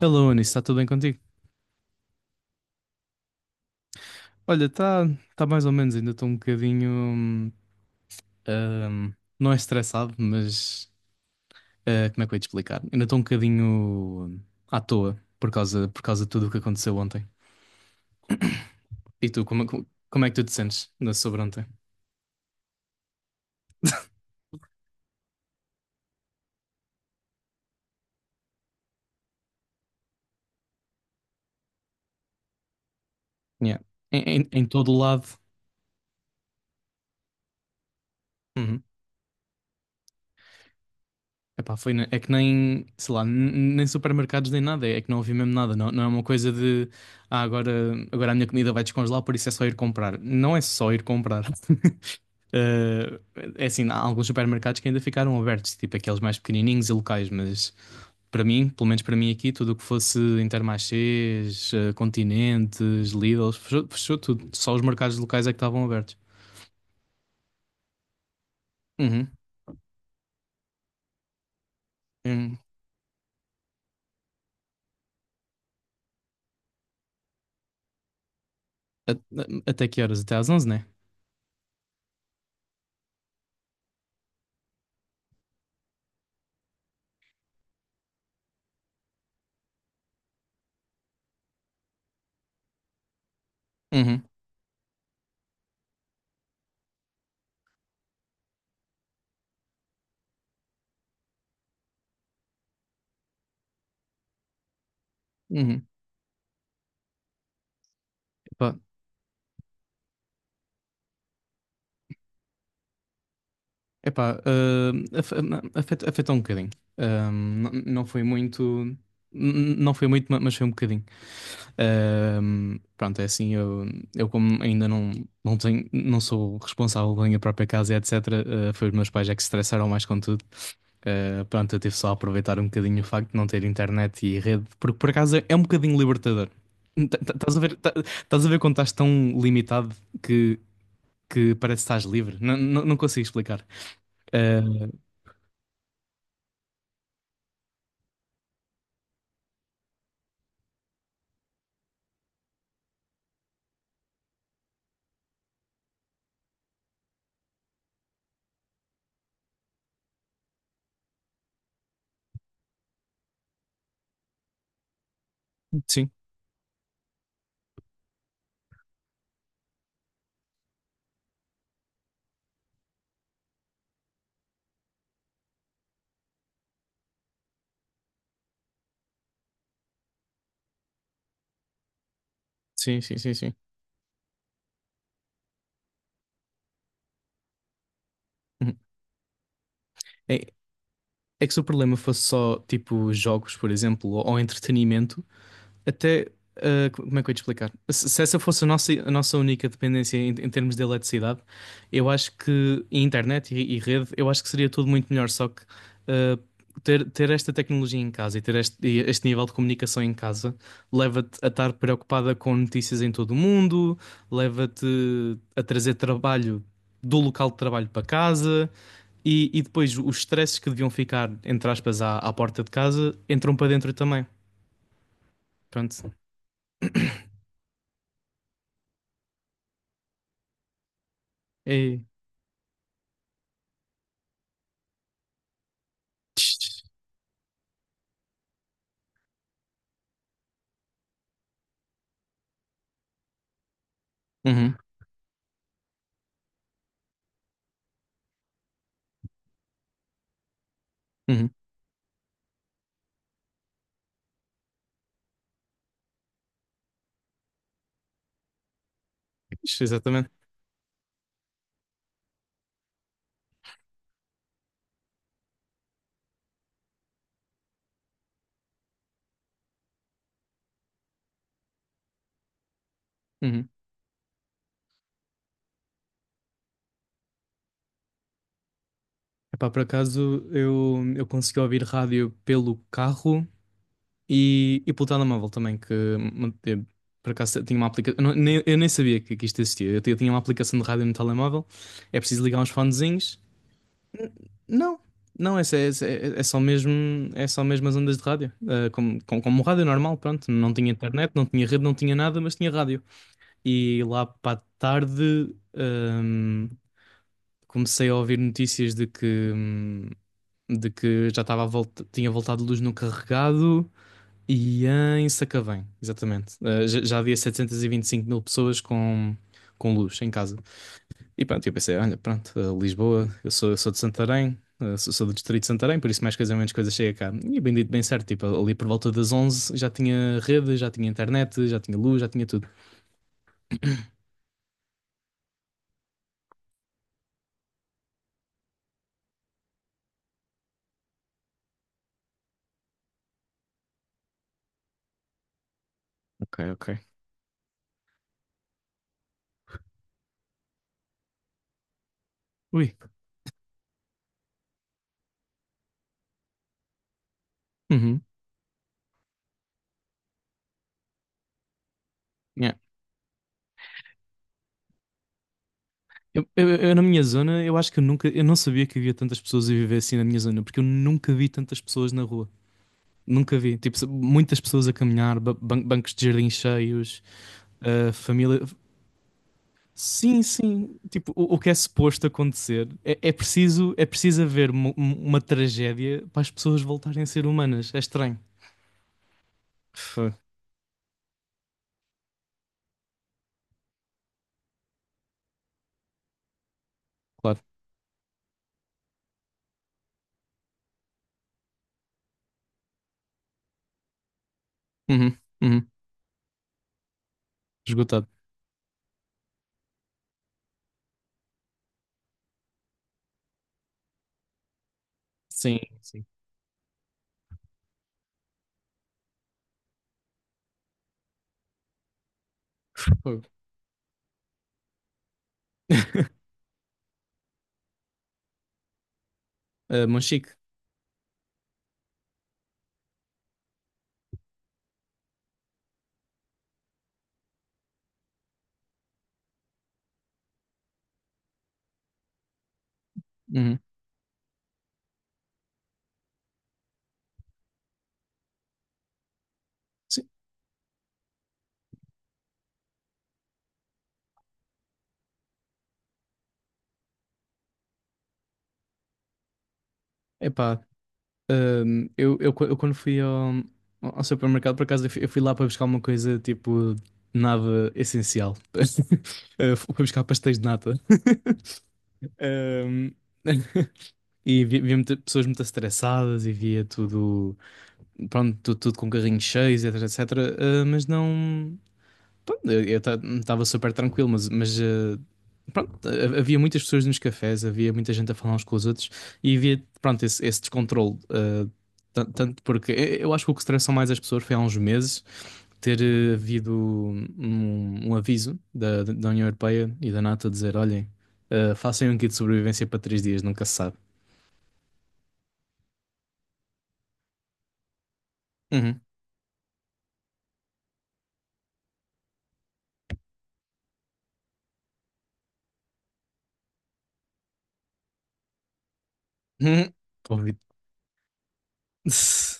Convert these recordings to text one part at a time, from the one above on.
Hello, Anis, está tudo bem contigo? Olha, está tá tá mais ou menos, ainda estou um bocadinho, hum, não é estressado, mas. Como é que eu ia te explicar? Ainda estou um bocadinho, à toa por causa de tudo o que aconteceu ontem. E tu, como é que tu te sentes sobre ontem? Yeah. Em todo o lado. Uhum. Epá, foi, é que nem, sei lá, nem supermercados nem nada, é que não havia mesmo nada, não, não é uma coisa de, ah, agora, agora a minha comida vai descongelar, por isso é só ir comprar. Não é só ir comprar. Eh, É assim, há alguns supermercados que ainda ficaram abertos, tipo aqueles mais pequenininhos e locais, mas para mim, pelo menos para mim aqui, tudo o que fosse Intermarchés, Continentes, Lidl, fechou, fechou tudo. Só os mercados locais é que estavam abertos. Uhum. Hum. Até que horas? Até às 11, né? Uhum. Uhum. Epá, Epá, ah, afe- afet- afetou um bocadinho. Não foi muito, mas foi um bocadinho. Pronto, é assim, eu como ainda não tenho, não sou responsável pela minha própria casa, e etc. Foi os meus pais é que se estressaram mais com tudo. Pronto, eu tive só a aproveitar um bocadinho o facto de não ter internet e rede, porque por acaso é um bocadinho libertador. Estás a ver? Tás a ver quando estás tão limitado que, parece que estás livre? Não, não, não consigo explicar. Eh, Sim, sim, sim, sim, sim. Uhum. É, É que se o problema fosse só tipo jogos, por exemplo, ou entretenimento, até, como é que eu ia te explicar? Se essa fosse a nossa única dependência, em termos de eletricidade, eu acho que e internet, e rede, eu acho que seria tudo muito melhor. Só que, ah, ter esta tecnologia em casa e ter este nível de comunicação em casa leva-te a estar preocupada com notícias em todo o mundo, leva-te a trazer trabalho do local de trabalho para casa. E depois os stresses que deviam ficar, entre aspas, à porta de casa, entram para dentro também. Pronto. E... Uhum, uhum. Exatamente. Uhum. Epá, por acaso eu, consegui ouvir rádio pelo carro e pelo telemóvel também, por acaso tinha uma aplicação. Eu nem sabia que isto existia. Tinha uma aplicação de rádio no telemóvel. É preciso ligar uns fonezinhos. Não, não, é só mesmo as ondas de rádio. Como rádio normal, pronto. Não tinha internet, não tinha rede, não tinha nada, mas tinha rádio. E lá para a tarde, comecei a ouvir notícias de que, já estava a volta, tinha voltado luz no carregado e em Sacavém, exatamente. Eh, já havia 725.000 pessoas com, luz em casa. E pronto, eu pensei, olha, pronto, Lisboa, eu sou, de Santarém, sou do distrito de Santarém, por isso mais coisa menos coisa chega cá. E bendito bem certo, tipo, ali por volta das 11 já tinha rede, já tinha internet, já tinha luz, já tinha tudo. Ok, ok. Ui. Uhum. Yeah. Eu, na minha zona, eu acho que eu não sabia que havia tantas pessoas a viver assim na minha zona, porque eu nunca vi tantas pessoas na rua. Nunca vi, tipo, muitas pessoas a caminhar, bancos de jardim cheios, família. Sim, sim. Tipo, o que é suposto acontecer é, é preciso haver tragédia para as pessoas voltarem a ser humanas. É estranho. Fã, Claro. Uhum, uhum. Esgotado. Sim, sim. Fogo. Ah, Monchique. Uhum. Sim. Epá, eu quando fui ao, supermercado, por acaso, eu fui lá para buscar uma coisa tipo nada essencial. Ah, fui buscar pastéis de nata. Ahm, E pessoas muito estressadas e via tudo, pronto, tudo tudo, com carrinhos cheios, etc, etc. Ah, mas não. Pronto, eu estava super tranquilo, mas, pronto. Havia muitas pessoas nos cafés, havia muita gente a falar uns com os outros e havia, pronto, esse descontrole. Tanto porque eu acho que o que estressou mais as pessoas foi há uns meses ter, havido um aviso da, União Europeia e da NATO a dizer: olhem, façam um kit de sobrevivência para 3 dias, nunca se sabe. Uhum. Uhum. Covid. Tss.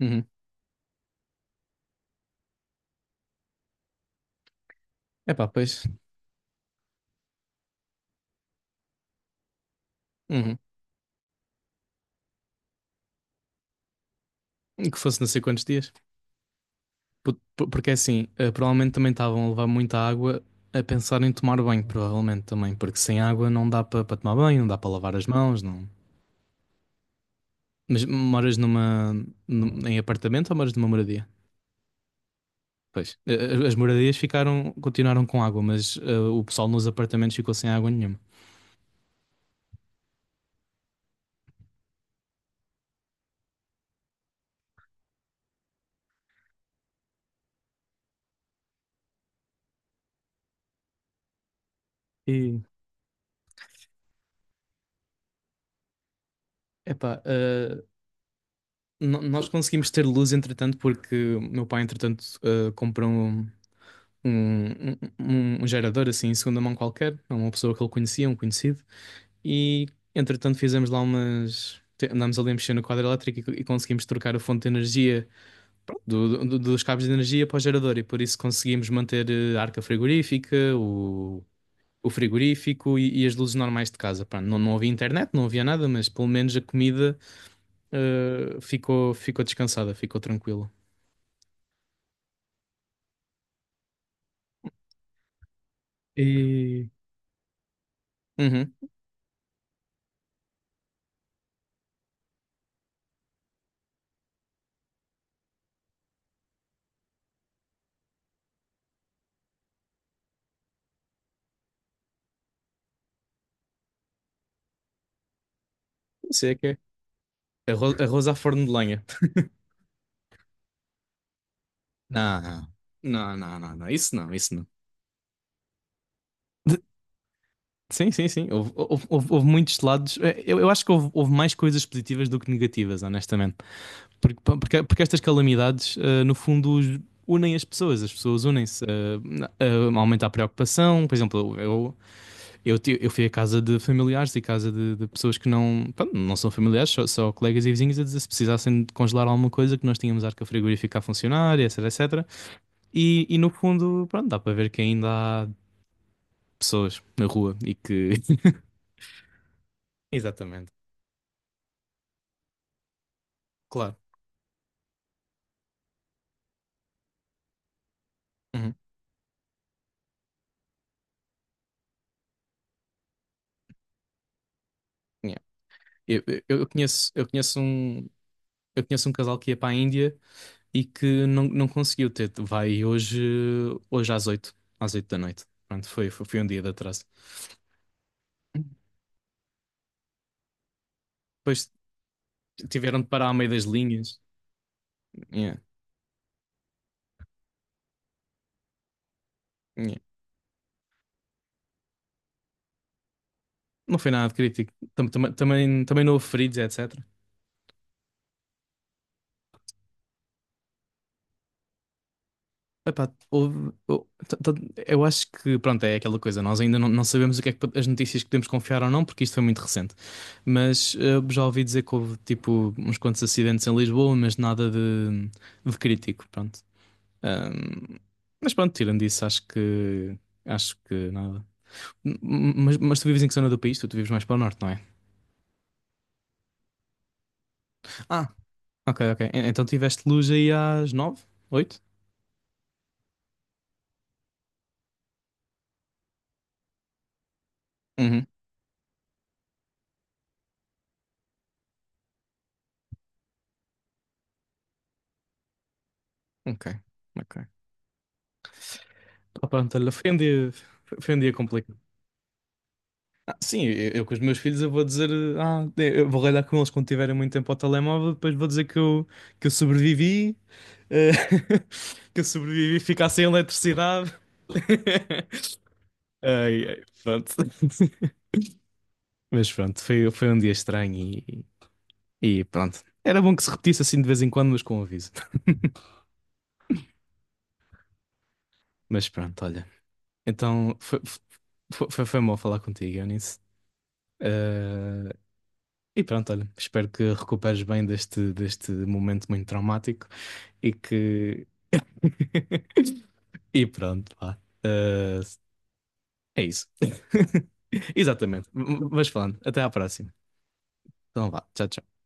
Uhum. Epá, pois. Uhum. Que fosse não sei quantos dias. Porque é assim, provavelmente também estavam a levar muita água a pensar em tomar banho, provavelmente também. Porque sem água não dá para tomar banho, não dá para lavar as mãos, não. Mas moras em apartamento ou moras numa moradia? Pois. As moradias ficaram, continuaram com água, mas, o pessoal nos apartamentos ficou sem água nenhuma. E, epá, eh, no- Nós conseguimos ter luz, entretanto, porque o meu pai, entretanto, comprou um, um, um gerador assim em segunda mão qualquer, a uma pessoa que ele conhecia, um conhecido, e entretanto fizemos lá umas. Te- andámos ali a mexer no quadro elétrico e conseguimos trocar a fonte de energia dos cabos de energia para o gerador, e por isso conseguimos manter, a arca frigorífica, o frigorífico e, as luzes normais de casa. Pá, não, não havia internet, não havia nada, mas pelo menos a comida, ficou descansada, ficou tranquila. E. Uhum, não sei o que é. Arroz, arroz à forno de lenha. Não, não, não, não, não, isso não, isso não. De- Sim, sim, sim. Houve muitos lados. Eu, acho que houve mais coisas positivas do que negativas, honestamente. Porque estas calamidades, no fundo, unem as pessoas. As pessoas unem-se. Aumenta a preocupação. Por exemplo, eu fui à casa de familiares e casa de, pessoas que não, pronto, não são familiares, só, colegas e vizinhos, a dizer se precisassem de congelar alguma coisa que nós tínhamos arca frigorífica a funcionar, etc, etc. E no fundo, pronto, dá para ver que ainda há pessoas na rua e que. Exatamente, claro. Uhum. Yeah. Eu, eu- eu conheço, eu conheço um, eu conheço um casal que ia para a Índia e que não, não conseguiu ter. Vai hoje, às 8 da noite. Pronto, foi um dia de atraso. Depois tiveram de parar ao meio das linhas. Yeah, yeah. Não foi nada de crítico. Também não houve feridos, etc. Epá, eu acho que, pronto, é aquela coisa, nós ainda não, não sabemos o que é que, as notícias que podemos confiar ou não, porque isto foi muito recente. Mas, já ouvi dizer que houve tipo uns quantos acidentes em Lisboa, mas nada de, crítico, pronto. Ahm, mas pronto, tirando isso, acho que nada. Mas, tu vives em que zona do país? Tu vives mais para o norte, não é? Ah, ok, ok. E- Então tiveste luz aí às 9? 8? Uhum. Ok, ok. Ah, pronto, olha, foi um dia complicado. Sim, eu, com os meus filhos eu vou dizer, eu vou ralhar com eles quando tiverem muito tempo ao telemóvel, depois vou dizer que eu, que eu sobrevivi, eh, que eu sobrevivi a ficar sem eletricidade. Ai, ai, pronto. Mas pronto, foi um dia estranho e pronto. Era bom que se repetisse assim de vez em quando, mas com aviso. Mas pronto, olha. Então foi bom falar contigo, Eunice. Eh, E pronto, olha, espero que recuperes bem deste, momento muito traumático e que. E pronto, pá. Eh, É isso. Exatamente. Mas falando, até à próxima. Então vá, tchau, tchau.